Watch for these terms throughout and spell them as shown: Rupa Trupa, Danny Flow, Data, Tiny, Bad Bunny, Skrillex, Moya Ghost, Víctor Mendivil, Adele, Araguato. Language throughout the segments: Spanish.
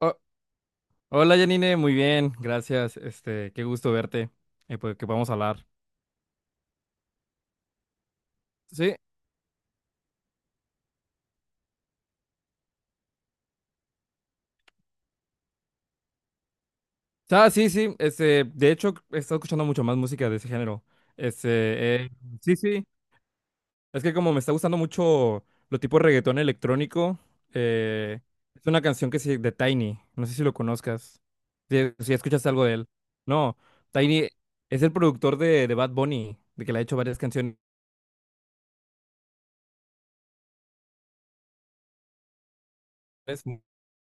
Oh, hola Janine, muy bien, gracias. Qué gusto verte. Que podamos hablar. Sí, sí, sí. De hecho, he estado escuchando mucho más música de ese género. Este, eh, sí, sí. Es que como me está gustando mucho lo tipo reggaetón electrónico, eh, es una canción que se de Tiny. No sé si lo conozcas. Si, si escuchas algo de él. No, Tiny es el productor de Bad Bunny, de que le ha hecho varias canciones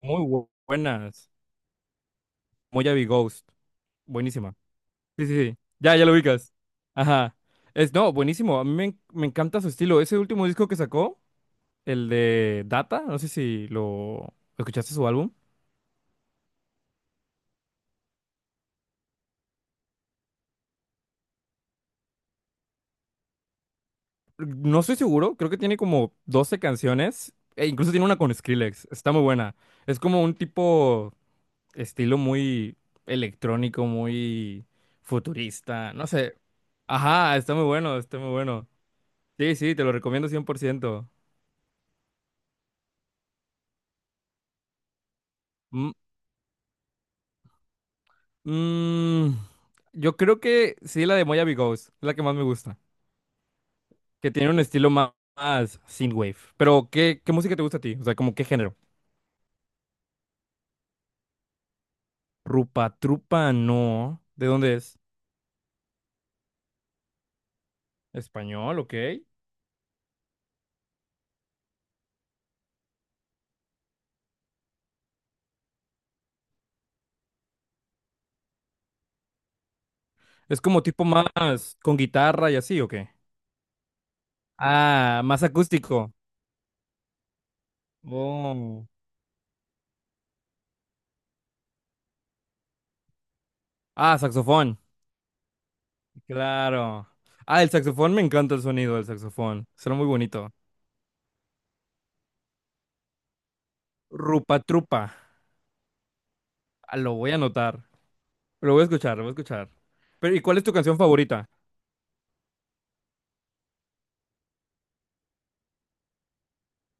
muy buenas. Moya Ghost, buenísima. Sí, sí, sí. Ya, ya lo ubicas. Ajá. Es, no, buenísimo. A mí me, en- Me encanta su estilo. Ese último disco que sacó, el de Data, no sé si lo escuchaste su álbum. No estoy seguro, creo que tiene como 12 canciones. E incluso tiene una con Skrillex. Está muy buena. Es como un tipo estilo muy electrónico, muy futurista. No sé. Ajá, está muy bueno, está muy bueno. Sí, sí, te lo recomiendo cien por ciento. Mm, Mm, yo creo que sí, la de Moyavi Ghost, es la que más me gusta. Que tiene un estilo más, más synthwave. Pero, ¿qué, qué música te gusta a ti? O sea, ¿como qué género? Rupa Trupa, no. ¿De dónde es? Español, ok. ¿Es como tipo más con guitarra y así, o qué? Ah, más acústico. Oh. Ah, saxofón. Claro. Ah, el saxofón, me encanta el sonido del saxofón. Suena muy bonito. Rupa Trupa. Ah, lo voy a anotar. Lo voy a escuchar, lo voy a escuchar. Pero, ¿y cuál es tu canción favorita?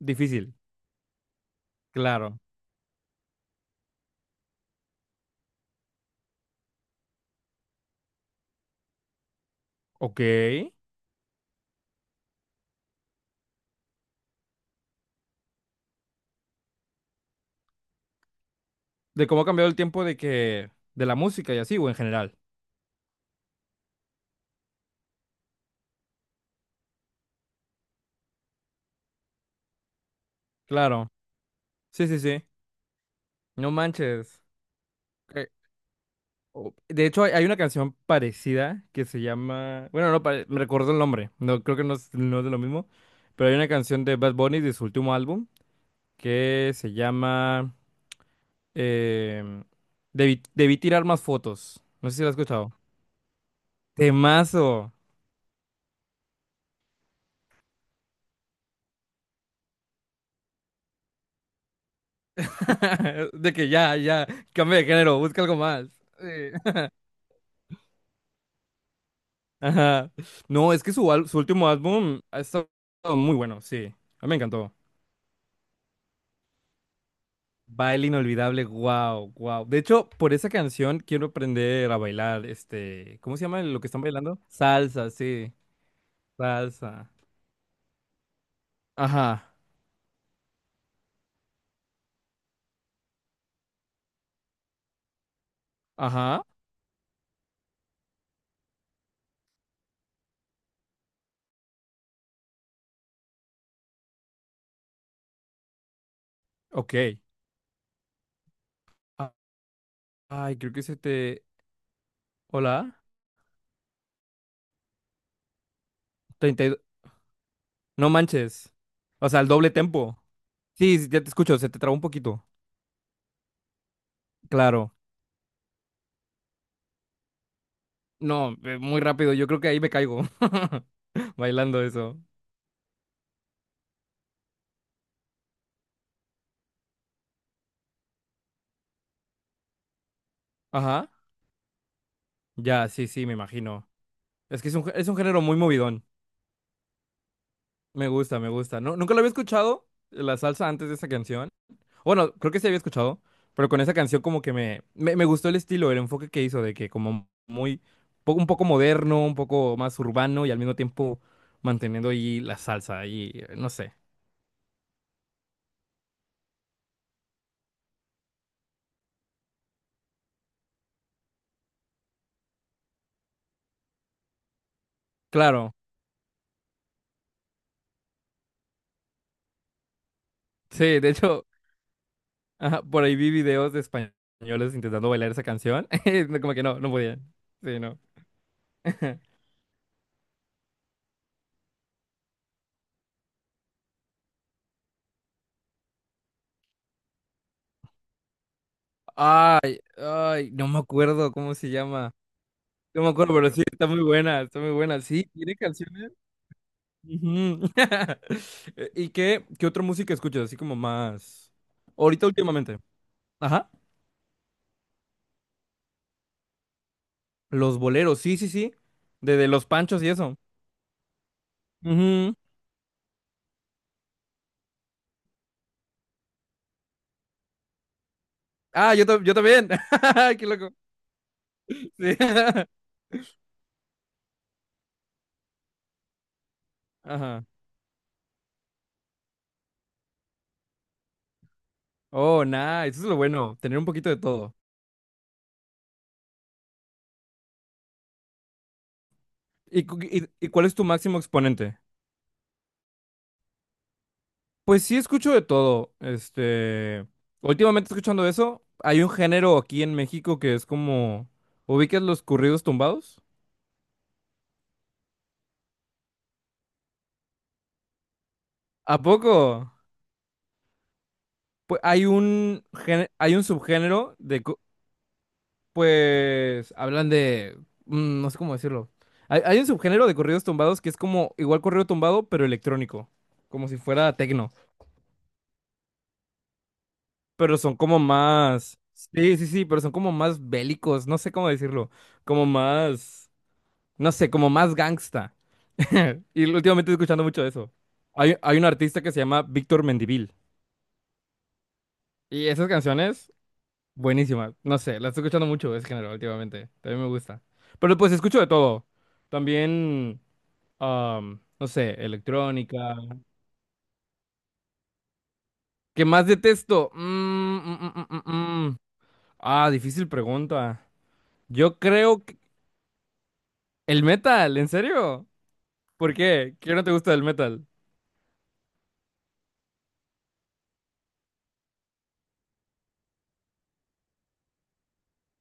Difícil. Claro. Ok. De cómo ha cambiado el tiempo de que... de la música y así, o en general. Claro. Sí, sí, sí. No manches. Que- De hecho, hay una canción parecida que se llama... Bueno, no, me recuerdo el nombre. No, creo que no es, no es de lo mismo. Pero hay una canción de Bad Bunny de su último álbum que se llama... em, debí tirar más fotos. No sé si la has escuchado. Temazo. De que ya, ya, cambia de género, busca algo más. Sí. Ajá. No, es que su, su último álbum ha estado muy bueno, sí. A mí me encantó. Baile inolvidable, wow, wow. De hecho, por esa canción quiero aprender a bailar, este, ¿cómo se llama lo que están bailando? Salsa, sí, salsa. Ajá, ajá, ok. A- Ay, creo que se te... Hola, 32... No manches. O sea, el doble tempo. Sí, sí, ya te escucho, se te trabó un poquito. Claro. No, muy rápido, yo creo que ahí me caigo bailando eso. Ajá. Ya, sí, sí, me imagino. Es que es un, es un género muy movidón. Me gusta, me gusta. No, nunca lo había escuchado, la salsa antes de esa canción. Bueno, creo que sí había escuchado, pero con esa canción como que me gustó el estilo, el enfoque que hizo de que como muy, un poco moderno, un poco más urbano y al mismo tiempo manteniendo ahí la salsa y no sé. Claro. Sí, de hecho, ajá, por ahí vi videos de españoles intentando bailar esa canción. Como que no, no podían. Sí, no. Ay, ay, no me acuerdo cómo se llama. No me acuerdo, pero sí, está muy buena, está muy buena. Sí, tiene canciones. Ujú. ¿Y qué, qué otra música escuchas? Así como más. Ahorita últimamente. Ajá. Los boleros, sí, sí, sí. De los panchos y eso. Ujú. Ah, yo, yo también. Qué loco. Sí. Ajá. Oh, nice. Eso es lo bueno, tener un poquito de todo. ¿Y, y cuál es tu máximo exponente? Pues sí, escucho de todo. Últimamente escuchando eso, hay un género aquí en México que es como, ¿ubicas los corridos tumbados? ¿A poco? Pues hay un hay un subgénero de, pues, hablan de, no sé cómo decirlo. Hay un subgénero de corridos tumbados que es como igual corrido tumbado, pero electrónico, como si fuera tecno. Pero son como más, sí, sí, sí, pero son como más bélicos, no sé cómo decirlo, como más, no sé, como más gangsta. Y últimamente estoy escuchando mucho eso. Hay un artista que se llama Víctor Mendivil y esas canciones, buenísimas, no sé, las estoy escuchando mucho ese género últimamente, también me gusta. Pero pues escucho de todo, también, no sé, electrónica. ¿Qué más detesto? Mm. Ah, difícil pregunta. Yo creo. ¿El metal? ¿En serio? ¿Por qué? ¿Qué no te gusta del metal?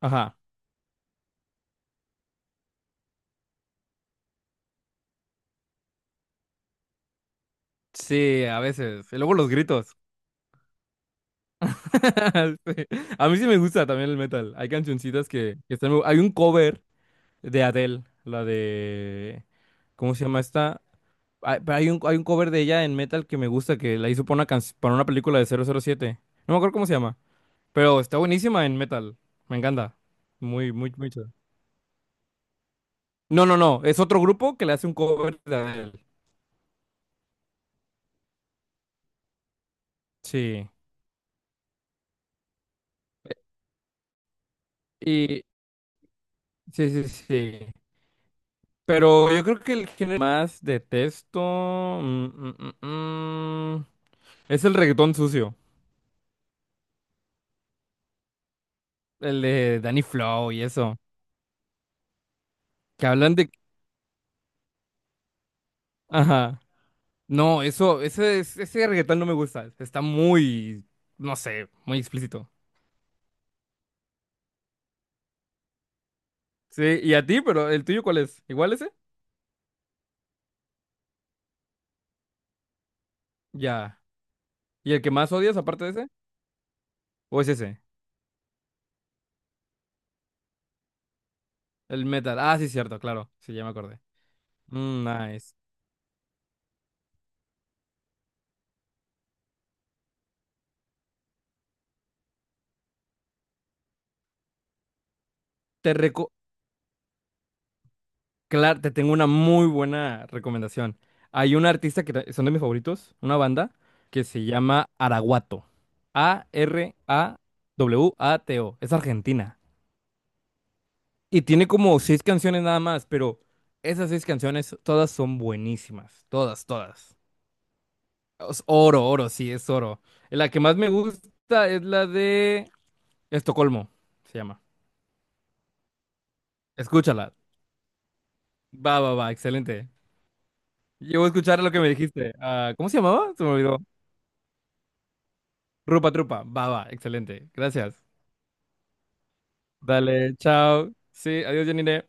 Ajá. Sí, a veces. Y luego los gritos. Sí. A mí sí me gusta también el metal. Hay cancioncitas que están... hay un cover de Adele, la de... ¿Cómo se llama esta? Hay, pero hay un cover de ella en metal que me gusta, que la hizo para una, para una película de 007. No me acuerdo cómo se llama, pero está buenísima en metal. Me encanta. Muy, muy, muy chida. No, no, no. Es otro grupo que le hace un cover de Adele. Sí. Sí, sí, sí. Pero yo creo que el género que más detesto mm, mm, mm, mm, es el reggaetón sucio, el de Danny Flow y eso, que hablan de... Ajá. No, eso, ese, ese reggaetón no me gusta, está muy, no sé, muy explícito. Sí, y a ti, pero ¿el tuyo cuál es? ¿Igual ese? Ya. ¿Y el que más odias aparte de ese? ¿O es ese? El metal. Ah, sí, cierto, claro, sí, ya me acordé. Mm, nice. Te reco... Claro, te tengo una muy buena recomendación. Hay un artista que son de mis favoritos, una banda que se llama Araguato. ARAWATO. Es argentina. Y tiene como seis canciones nada más, pero esas seis canciones todas son buenísimas. Todas, todas. Es oro, oro, sí, es oro. La que más me gusta es la de Estocolmo, se llama. Escúchala. Va, va, va, excelente. Yo voy a escuchar lo que me dijiste. Ah, ¿cómo se llamaba? Se me olvidó. Rupa trupa, va, va, excelente. Gracias. Dale, chao. Sí, adiós, Janine.